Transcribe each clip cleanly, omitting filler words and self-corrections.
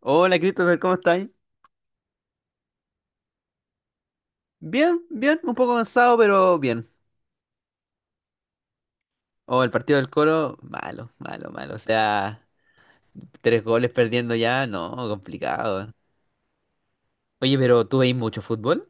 Hola Christopher, ¿cómo estáis? Bien, bien, un poco cansado, pero bien. Oh, el partido del Colo, malo, malo, malo. O sea, tres goles perdiendo ya, no, complicado. Oye, pero ¿tú veis mucho fútbol?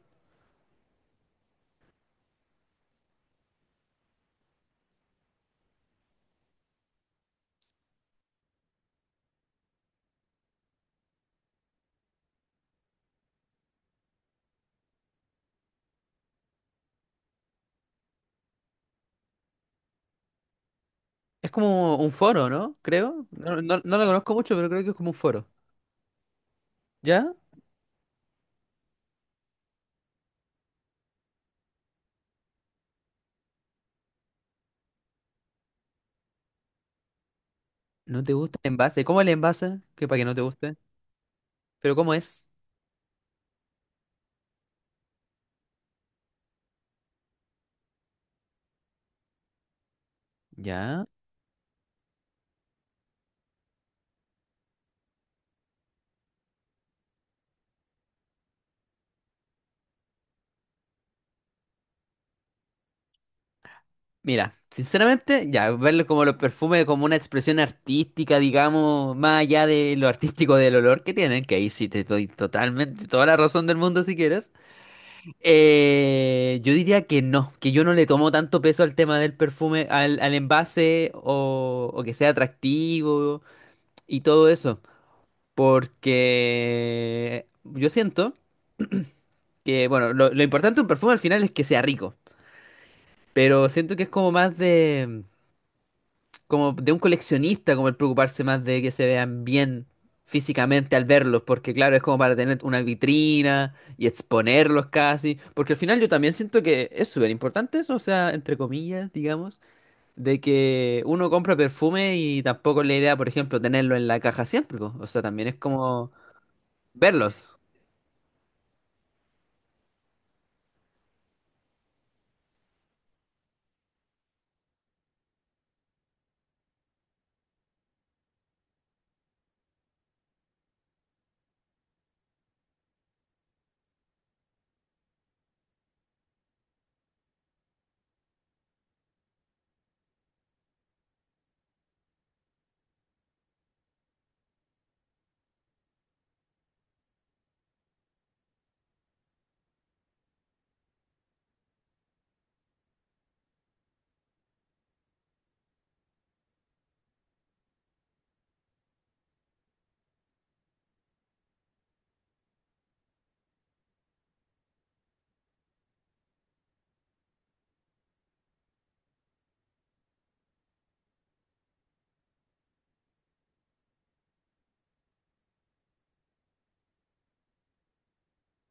Es como un foro, ¿no? Creo. No, no, no lo conozco mucho, pero creo que es como un foro. ¿Ya? ¿No te gusta el envase? ¿Cómo el envase? Que para que no te guste. ¿Pero cómo es? ¿Ya? Mira, sinceramente, ya, verlo como los perfumes como una expresión artística, digamos, más allá de lo artístico del olor que tienen, que ahí sí te doy totalmente toda la razón del mundo si quieres. Yo diría que no, que yo no le tomo tanto peso al tema del perfume, al envase o que sea atractivo y todo eso, porque yo siento que, bueno, lo importante de un perfume al final es que sea rico, pero siento que es como más de, como de un coleccionista, como el preocuparse más de que se vean bien físicamente al verlos, porque claro, es como para tener una vitrina y exponerlos casi, porque al final yo también siento que es súper importante eso, o sea, entre comillas, digamos, de que uno compra perfume y tampoco es la idea, por ejemplo, tenerlo en la caja siempre, po. O sea, también es como verlos.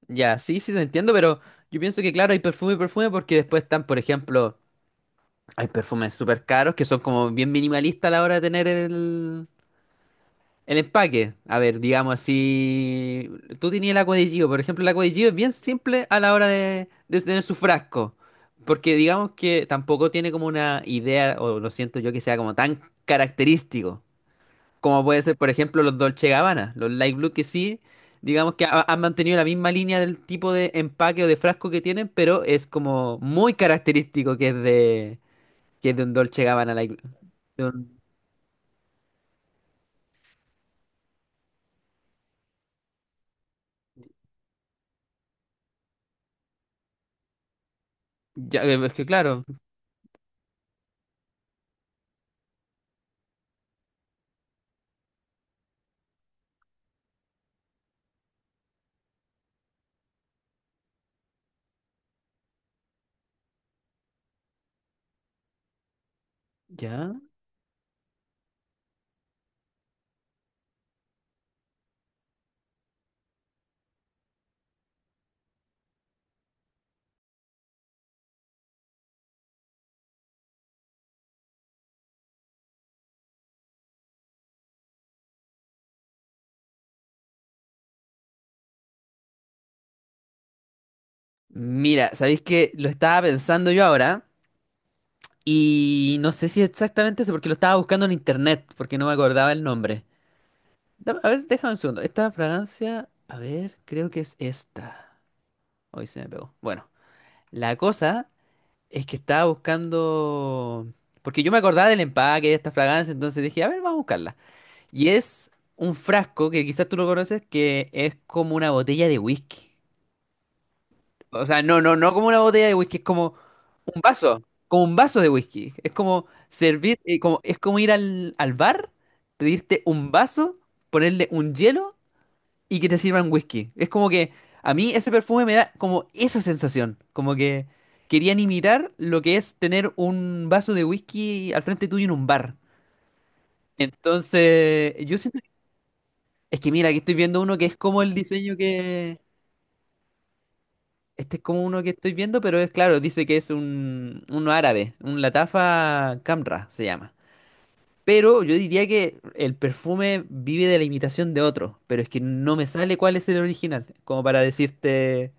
Ya, sí, sí, te entiendo, pero yo pienso que claro, hay perfume y perfume porque después están, por ejemplo, hay perfumes súper caros que son como bien minimalistas a la hora de tener el empaque, a ver, digamos, así, tú tenías el agua de Gio, por ejemplo, el agua de Gio es bien simple a la hora de tener su frasco, porque digamos que tampoco tiene como una idea, o lo siento yo, que sea como tan característico, como puede ser, por ejemplo, los Dolce Gabbana, los Light Blue, que sí, digamos que han mantenido la misma línea del tipo de empaque o de frasco que tienen, pero es como muy característico que es de un Dolce Gabbana Light Blue. De un- ya, es que claro, ya. Mira, ¿sabéis que lo estaba pensando yo ahora? Y no sé si exactamente eso, porque lo estaba buscando en internet, porque no me acordaba el nombre. A ver, déjame un segundo. Esta fragancia, a ver, creo que es esta. Hoy se me pegó. Bueno, la cosa es que estaba buscando. Porque yo me acordaba del empaque de esta fragancia, entonces dije, a ver, vamos a buscarla. Y es un frasco, que quizás tú lo conoces, que es como una botella de whisky. O sea, no, no, no como una botella de whisky, es como un vaso, como un vaso de whisky. Es como servir, como, es como ir al, al bar, pedirte un vaso, ponerle un hielo y que te sirvan whisky. Es como que a mí ese perfume me da como esa sensación, como que querían imitar lo que es tener un vaso de whisky al frente tuyo en un bar. Entonces, yo siento que, es que mira, aquí estoy viendo uno que es como el diseño que… Este es como uno que estoy viendo, pero es claro, dice que es un, uno árabe, un Latafa Camra se llama. Pero yo diría que el perfume vive de la imitación de otro, pero es que no me sale cuál es el original, como para decirte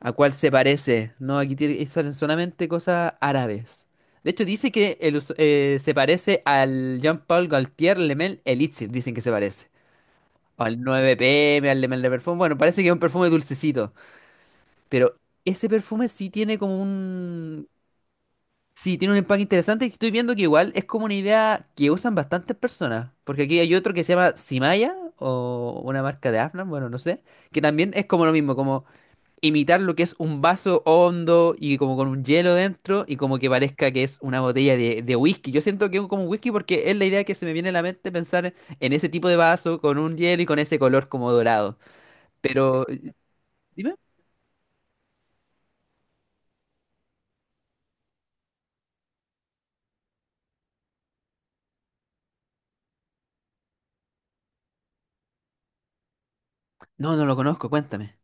a cuál se parece. No, salen solamente cosas árabes. De hecho, dice que se parece al Jean-Paul Gaultier Le Mel Elixir, dicen que se parece. O al 9PM, al Le Mel de Perfume. Bueno, parece que es un perfume dulcecito, pero ese perfume sí tiene como un… Sí, tiene un empaque interesante y estoy viendo que igual es como una idea que usan bastantes personas. Porque aquí hay otro que se llama Simaya o una marca de Afnan, bueno, no sé. Que también es como lo mismo, como imitar lo que es un vaso hondo y como con un hielo dentro y como que parezca que es una botella de whisky. Yo siento que es como un whisky porque es la idea que se me viene a la mente pensar en ese tipo de vaso con un hielo y con ese color como dorado. Pero, dime. No, no lo conozco, cuéntame.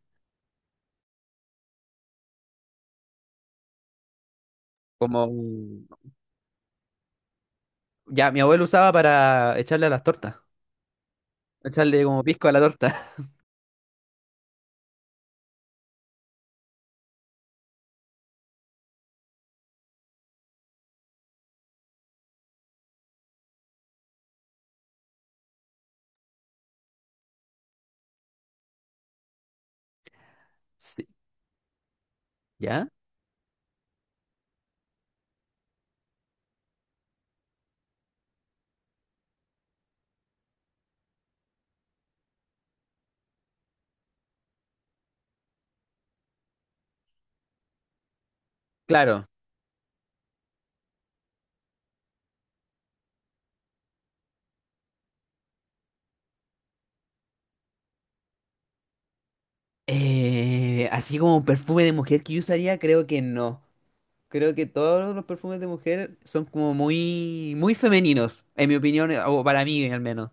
Como ya mi abuelo usaba para echarle a las tortas. Echarle como pisco a la torta. Sí, ¿ya? Claro. Así como perfume de mujer que yo usaría, creo que no. Creo que todos los perfumes de mujer son como muy, muy femeninos, en mi opinión, o para mí al menos.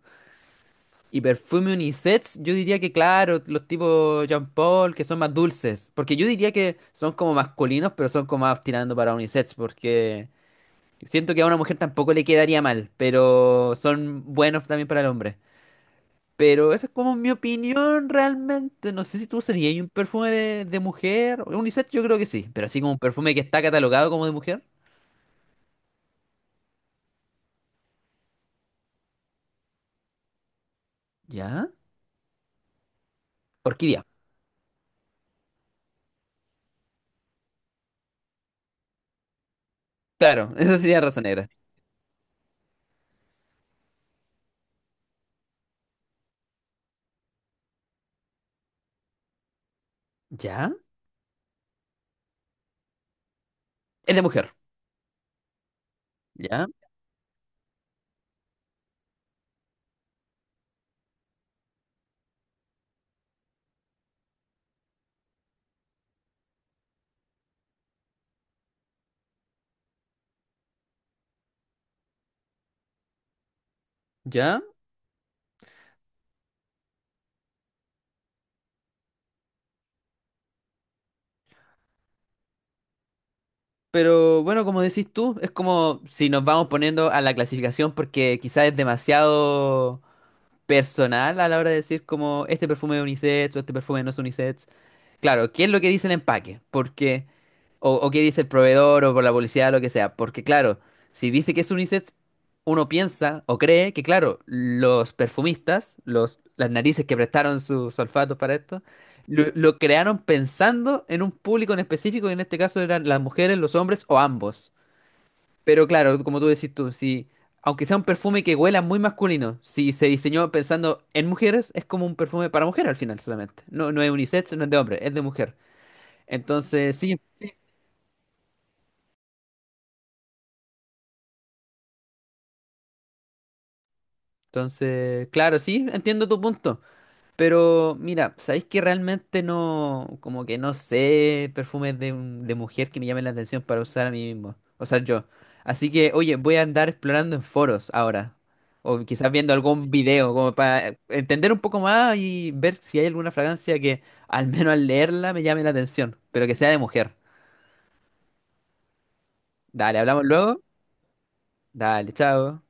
Y perfume unisex, yo diría que claro, los tipos Jean Paul, que son más dulces. Porque yo diría que son como masculinos, pero son como más tirando para unisex, porque siento que a una mujer tampoco le quedaría mal, pero son buenos también para el hombre. Pero esa es como mi opinión realmente. No sé si tú usarías un perfume de mujer. Unisex yo creo que sí, pero así como un perfume que está catalogado como de mujer. ¿Ya? Orquídea. Claro, esa sería raza negra. ¿Ya? Es de mujer. ¿Ya? ¿Ya? Pero bueno, como decís tú, es como si nos vamos poniendo a la clasificación porque quizás es demasiado personal a la hora de decir como este perfume es unisex o este perfume no es unisex. Claro, ¿qué es lo que dice el empaque? Porque… O, o qué dice el proveedor o por la publicidad, lo que sea. Porque claro, si dice que es unisex, uno piensa o cree que claro, los perfumistas, los, las narices que prestaron sus olfatos para esto, lo crearon pensando en un público en específico, y en este caso eran las mujeres, los hombres o ambos. Pero claro, como tú decís tú, si, aunque sea un perfume que huela muy masculino, si se diseñó pensando en mujeres, es como un perfume para mujer al final solamente. No, no es unisex, no es de hombre, es de mujer. Entonces, sí, entonces, claro, sí, entiendo tu punto. Pero mira, ¿sabéis que realmente no, como que no sé perfumes de mujer que me llamen la atención para usar a mí mismo? O sea, yo. Así que, oye, voy a andar explorando en foros ahora. O quizás viendo algún video, como para entender un poco más y ver si hay alguna fragancia que al menos al leerla me llame la atención, pero que sea de mujer. Dale, hablamos luego. Dale, chao.